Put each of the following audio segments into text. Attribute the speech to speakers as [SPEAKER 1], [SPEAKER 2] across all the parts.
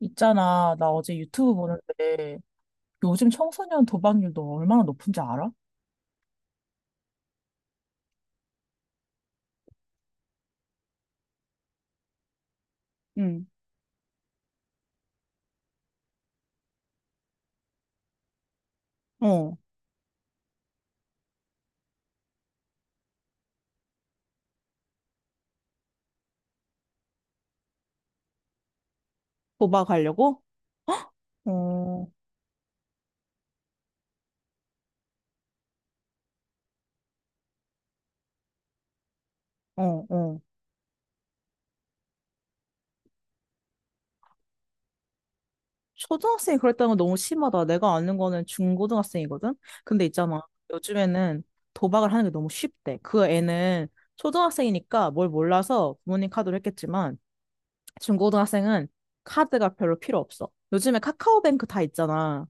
[SPEAKER 1] 있잖아, 나 어제 유튜브 보는데 요즘 청소년 도박률 너 얼마나 높은지 알아? 응, 어, 도박하려고? 어, 어, 어. 초등학생이 그랬다는 건 너무 심하다. 내가 아는 거는 중고등학생이거든? 근데 있잖아. 요즘에는 도박을 하는 게 너무 쉽대. 그 애는 초등학생이니까 뭘 몰라서 부모님 카드로 했겠지만, 중고등학생은 카드가 별로 필요 없어. 요즘에 카카오뱅크 다 있잖아.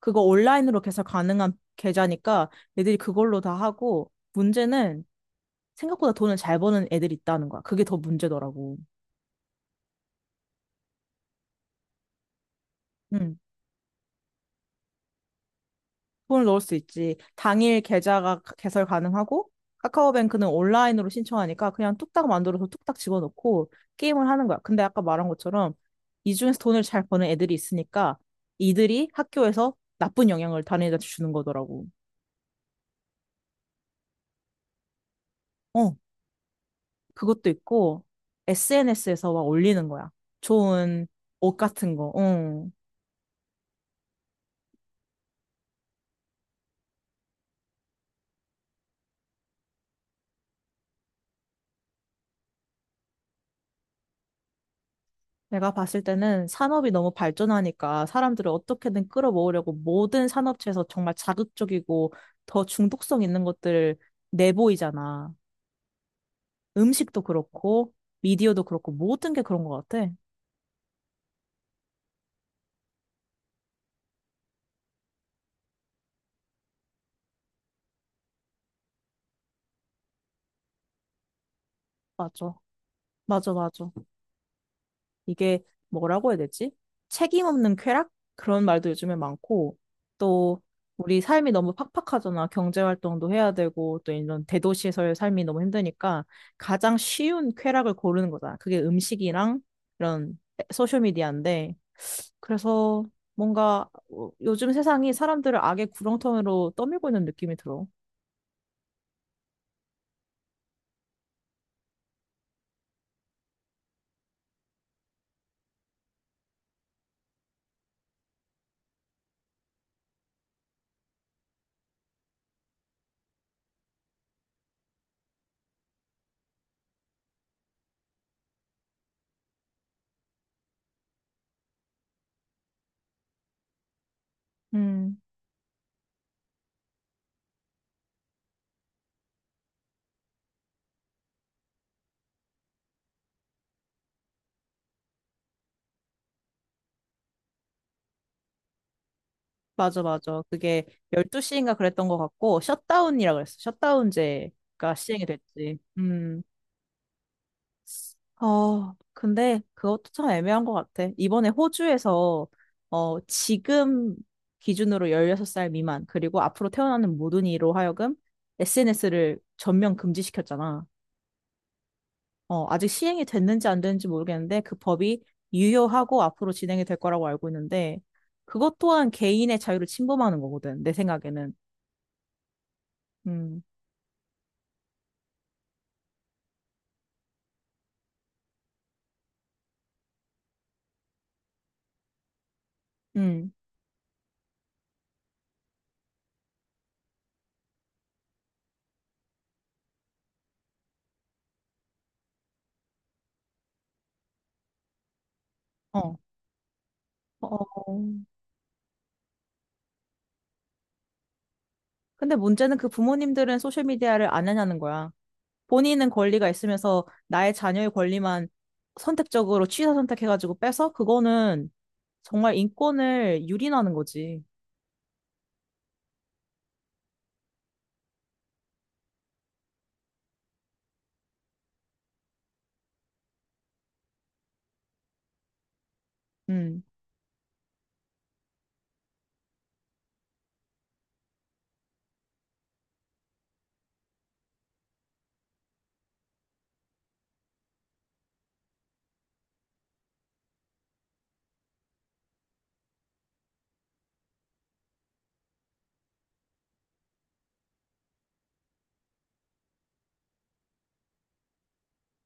[SPEAKER 1] 그거 온라인으로 개설 가능한 계좌니까 애들이 그걸로 다 하고 문제는 생각보다 돈을 잘 버는 애들이 있다는 거야. 그게 더 문제더라고. 응. 돈을 넣을 수 있지. 당일 계좌가 개설 가능하고 카카오뱅크는 온라인으로 신청하니까 그냥 뚝딱 만들어서 뚝딱 집어넣고 게임을 하는 거야. 근데 아까 말한 것처럼 이 중에서 돈을 잘 버는 애들이 있으니까 이들이 학교에서 나쁜 영향을 다른 애들한테 주는 거더라고. 어, 그것도 있고 SNS에서 막 올리는 거야. 좋은 옷 같은 거. 응. 내가 봤을 때는 산업이 너무 발전하니까 사람들을 어떻게든 끌어모으려고 모든 산업체에서 정말 자극적이고 더 중독성 있는 것들을 내보이잖아. 음식도 그렇고 미디어도 그렇고 모든 게 그런 것 같아. 맞아. 맞아, 맞아. 이게 뭐라고 해야 되지? 책임 없는 쾌락? 그런 말도 요즘에 많고, 또 우리 삶이 너무 팍팍하잖아. 경제 활동도 해야 되고, 또 이런 대도시에서의 삶이 너무 힘드니까 가장 쉬운 쾌락을 고르는 거잖아. 그게 음식이랑 이런 소셜미디어인데, 그래서 뭔가 어, 요즘 세상이 사람들을 악의 구렁텅이로 떠밀고 있는 느낌이 들어. 음. 맞아, 맞아. 그게 12시인가 그랬던 것 같고, 셧다운이라 그랬어. 셧다운제가 시행이 됐지. 음. 어, 근데 그것도 참 애매한 것 같아. 이번에 호주에서, 어, 지금 기준으로 16살 미만, 그리고 앞으로 태어나는 모든 이로 하여금 SNS를 전면 금지시켰잖아. 어, 아직 시행이 됐는지 안 됐는지 모르겠는데, 그 법이 유효하고 앞으로 진행이 될 거라고 알고 있는데, 그것 또한 개인의 자유를 침범하는 거거든, 내 생각에는. 음. 음. 어, 어. 근데 문제는 그 부모님들은 소셜미디어를 안 하냐는 거야. 본인은 권리가 있으면서 나의 자녀의 권리만 선택적으로 취사 선택해가지고 빼서 그거는 정말 인권을 유린하는 거지. 음.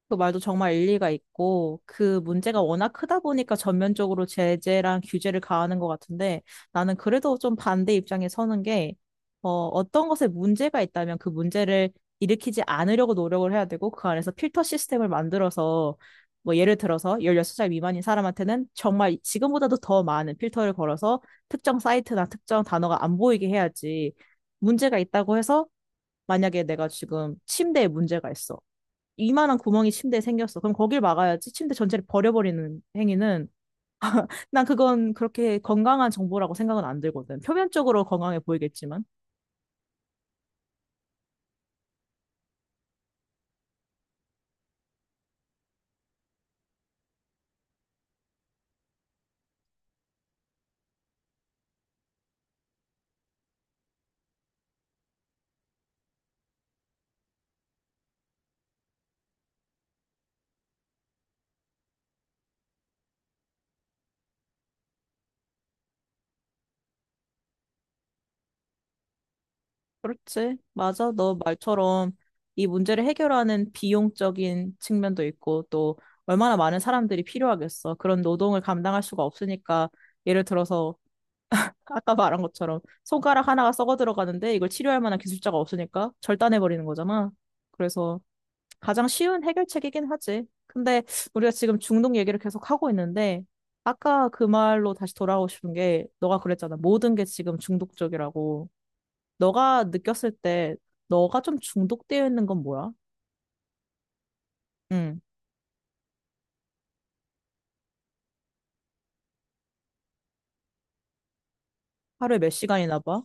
[SPEAKER 1] 그 말도 정말 일리가 있고, 그 문제가 워낙 크다 보니까 전면적으로 제재랑 규제를 가하는 것 같은데, 나는 그래도 좀 반대 입장에 서는 게, 어, 어떤 것에 문제가 있다면 그 문제를 일으키지 않으려고 노력을 해야 되고, 그 안에서 필터 시스템을 만들어서, 뭐 예를 들어서 16살 미만인 사람한테는 정말 지금보다도 더 많은 필터를 걸어서 특정 사이트나 특정 단어가 안 보이게 해야지, 문제가 있다고 해서, 만약에 내가 지금 침대에 문제가 있어. 이만한 구멍이 침대에 생겼어. 그럼 거길 막아야지. 침대 전체를 버려버리는 행위는 난 그건 그렇게 건강한 정보라고 생각은 안 들거든. 표면적으로 건강해 보이겠지만. 그렇지. 맞아. 너 말처럼 이 문제를 해결하는 비용적인 측면도 있고 또 얼마나 많은 사람들이 필요하겠어. 그런 노동을 감당할 수가 없으니까 예를 들어서 아까 말한 것처럼 손가락 하나가 썩어 들어가는데 이걸 치료할 만한 기술자가 없으니까 절단해 버리는 거잖아. 그래서 가장 쉬운 해결책이긴 하지. 근데 우리가 지금 중독 얘기를 계속 하고 있는데, 아까 그 말로 다시 돌아오고 싶은 게, 너가 그랬잖아. 모든 게 지금 중독적이라고. 너가 느꼈을 때, 너가 좀 중독되어 있는 건 뭐야? 응. 하루에 몇 시간이나 봐?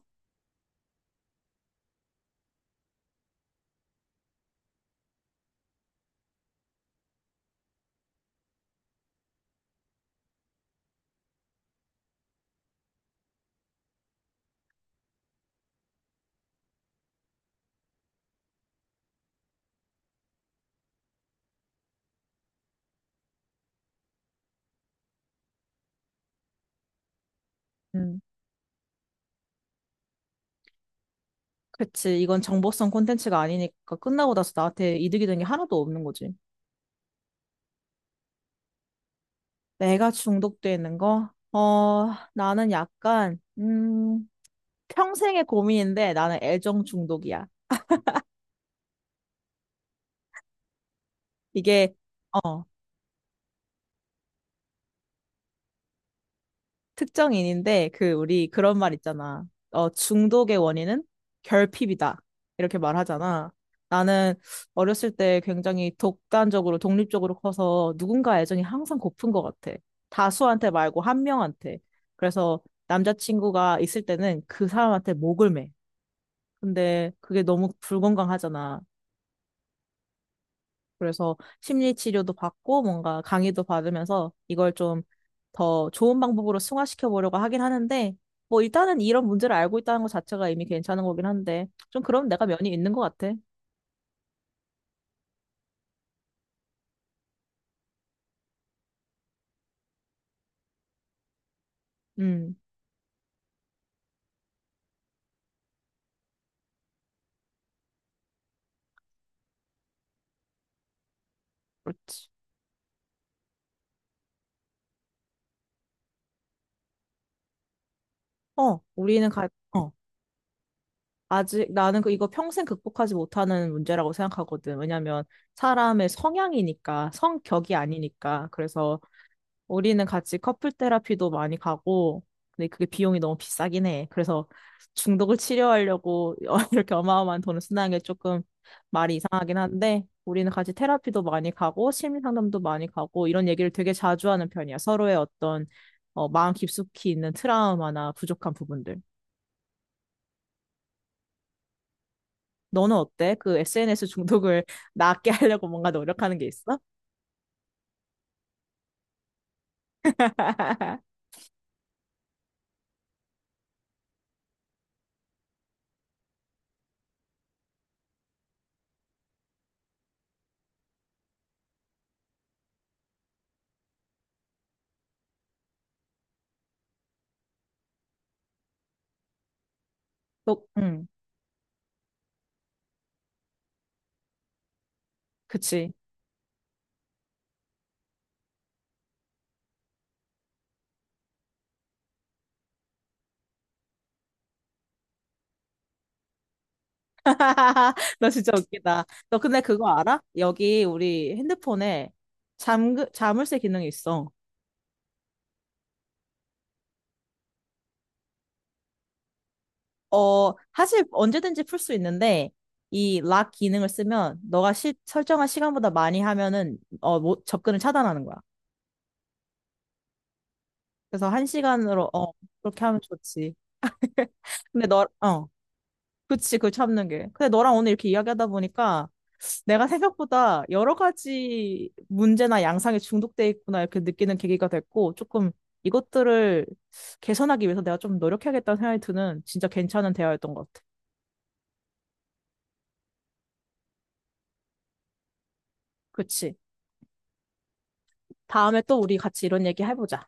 [SPEAKER 1] 응. 그치. 이건 정보성 콘텐츠가 아니니까 끝나고 나서 나한테 이득이 된 게 하나도 없는 거지. 내가 중독되어 있는 거? 어, 나는 약간, 평생의 고민인데 나는 애정 중독이야. 이게 어 특정인인데 그 우리 그런 말 있잖아. 어, 중독의 원인은 결핍이다. 이렇게 말하잖아. 나는 어렸을 때 굉장히 독단적으로 독립적으로 커서 누군가 애정이 항상 고픈 것 같아. 다수한테 말고 한 명한테. 그래서 남자친구가 있을 때는 그 사람한테 목을 매. 근데 그게 너무 불건강하잖아. 그래서 심리 치료도 받고 뭔가 강의도 받으면서 이걸 좀 더 좋은 방법으로 승화시켜 보려고 하긴 하는데 뭐 일단은 이런 문제를 알고 있다는 것 자체가 이미 괜찮은 거긴 한데 좀 그럼 내가 면이 있는 것 같아. 음, 그렇지. 어, 우리는 어, 아직 나는 그 이거 평생 극복하지 못하는 문제라고 생각하거든. 왜냐면 사람의 성향이니까 성격이 아니니까 그래서 우리는 같이 커플 테라피도 많이 가고, 근데 그게 비용이 너무 비싸긴 해. 그래서 중독을 치료하려고 이렇게 어마어마한 돈을 쓰는 게 조금 말이 이상하긴 한데, 우리는 같이 테라피도 많이 가고, 심리 상담도 많이 가고, 이런 얘기를 되게 자주 하는 편이야. 서로의 어떤 어, 마음 깊숙이 있는 트라우마나 부족한 부분들. 너는 어때? 그 SNS 중독을 낫게 하려고 뭔가 노력하는 게 있어? 또, 그치. 너 진짜 웃기다. 너 근데 그거 알아? 여기 우리 핸드폰에 자물쇠 기능이 있어. 어, 사실 언제든지 풀 수 있는데, 이 락 기능을 쓰면 너가 설정한 시간보다 많이 하면은 어, 뭐, 접근을 차단하는 거야. 그래서 한 시간으로 어, 그렇게 하면 좋지. 근데 너, 어, 그치, 그 참는 게. 근데 너랑 오늘 이렇게 이야기하다 보니까 내가 생각보다 여러 가지 문제나 양상에 중독돼 있구나 이렇게 느끼는 계기가 됐고 조금 이것들을 개선하기 위해서 내가 좀 노력해야겠다는 생각이 드는 진짜 괜찮은 대화였던 것 같아. 그치. 다음에 또 우리 같이 이런 얘기 해보자.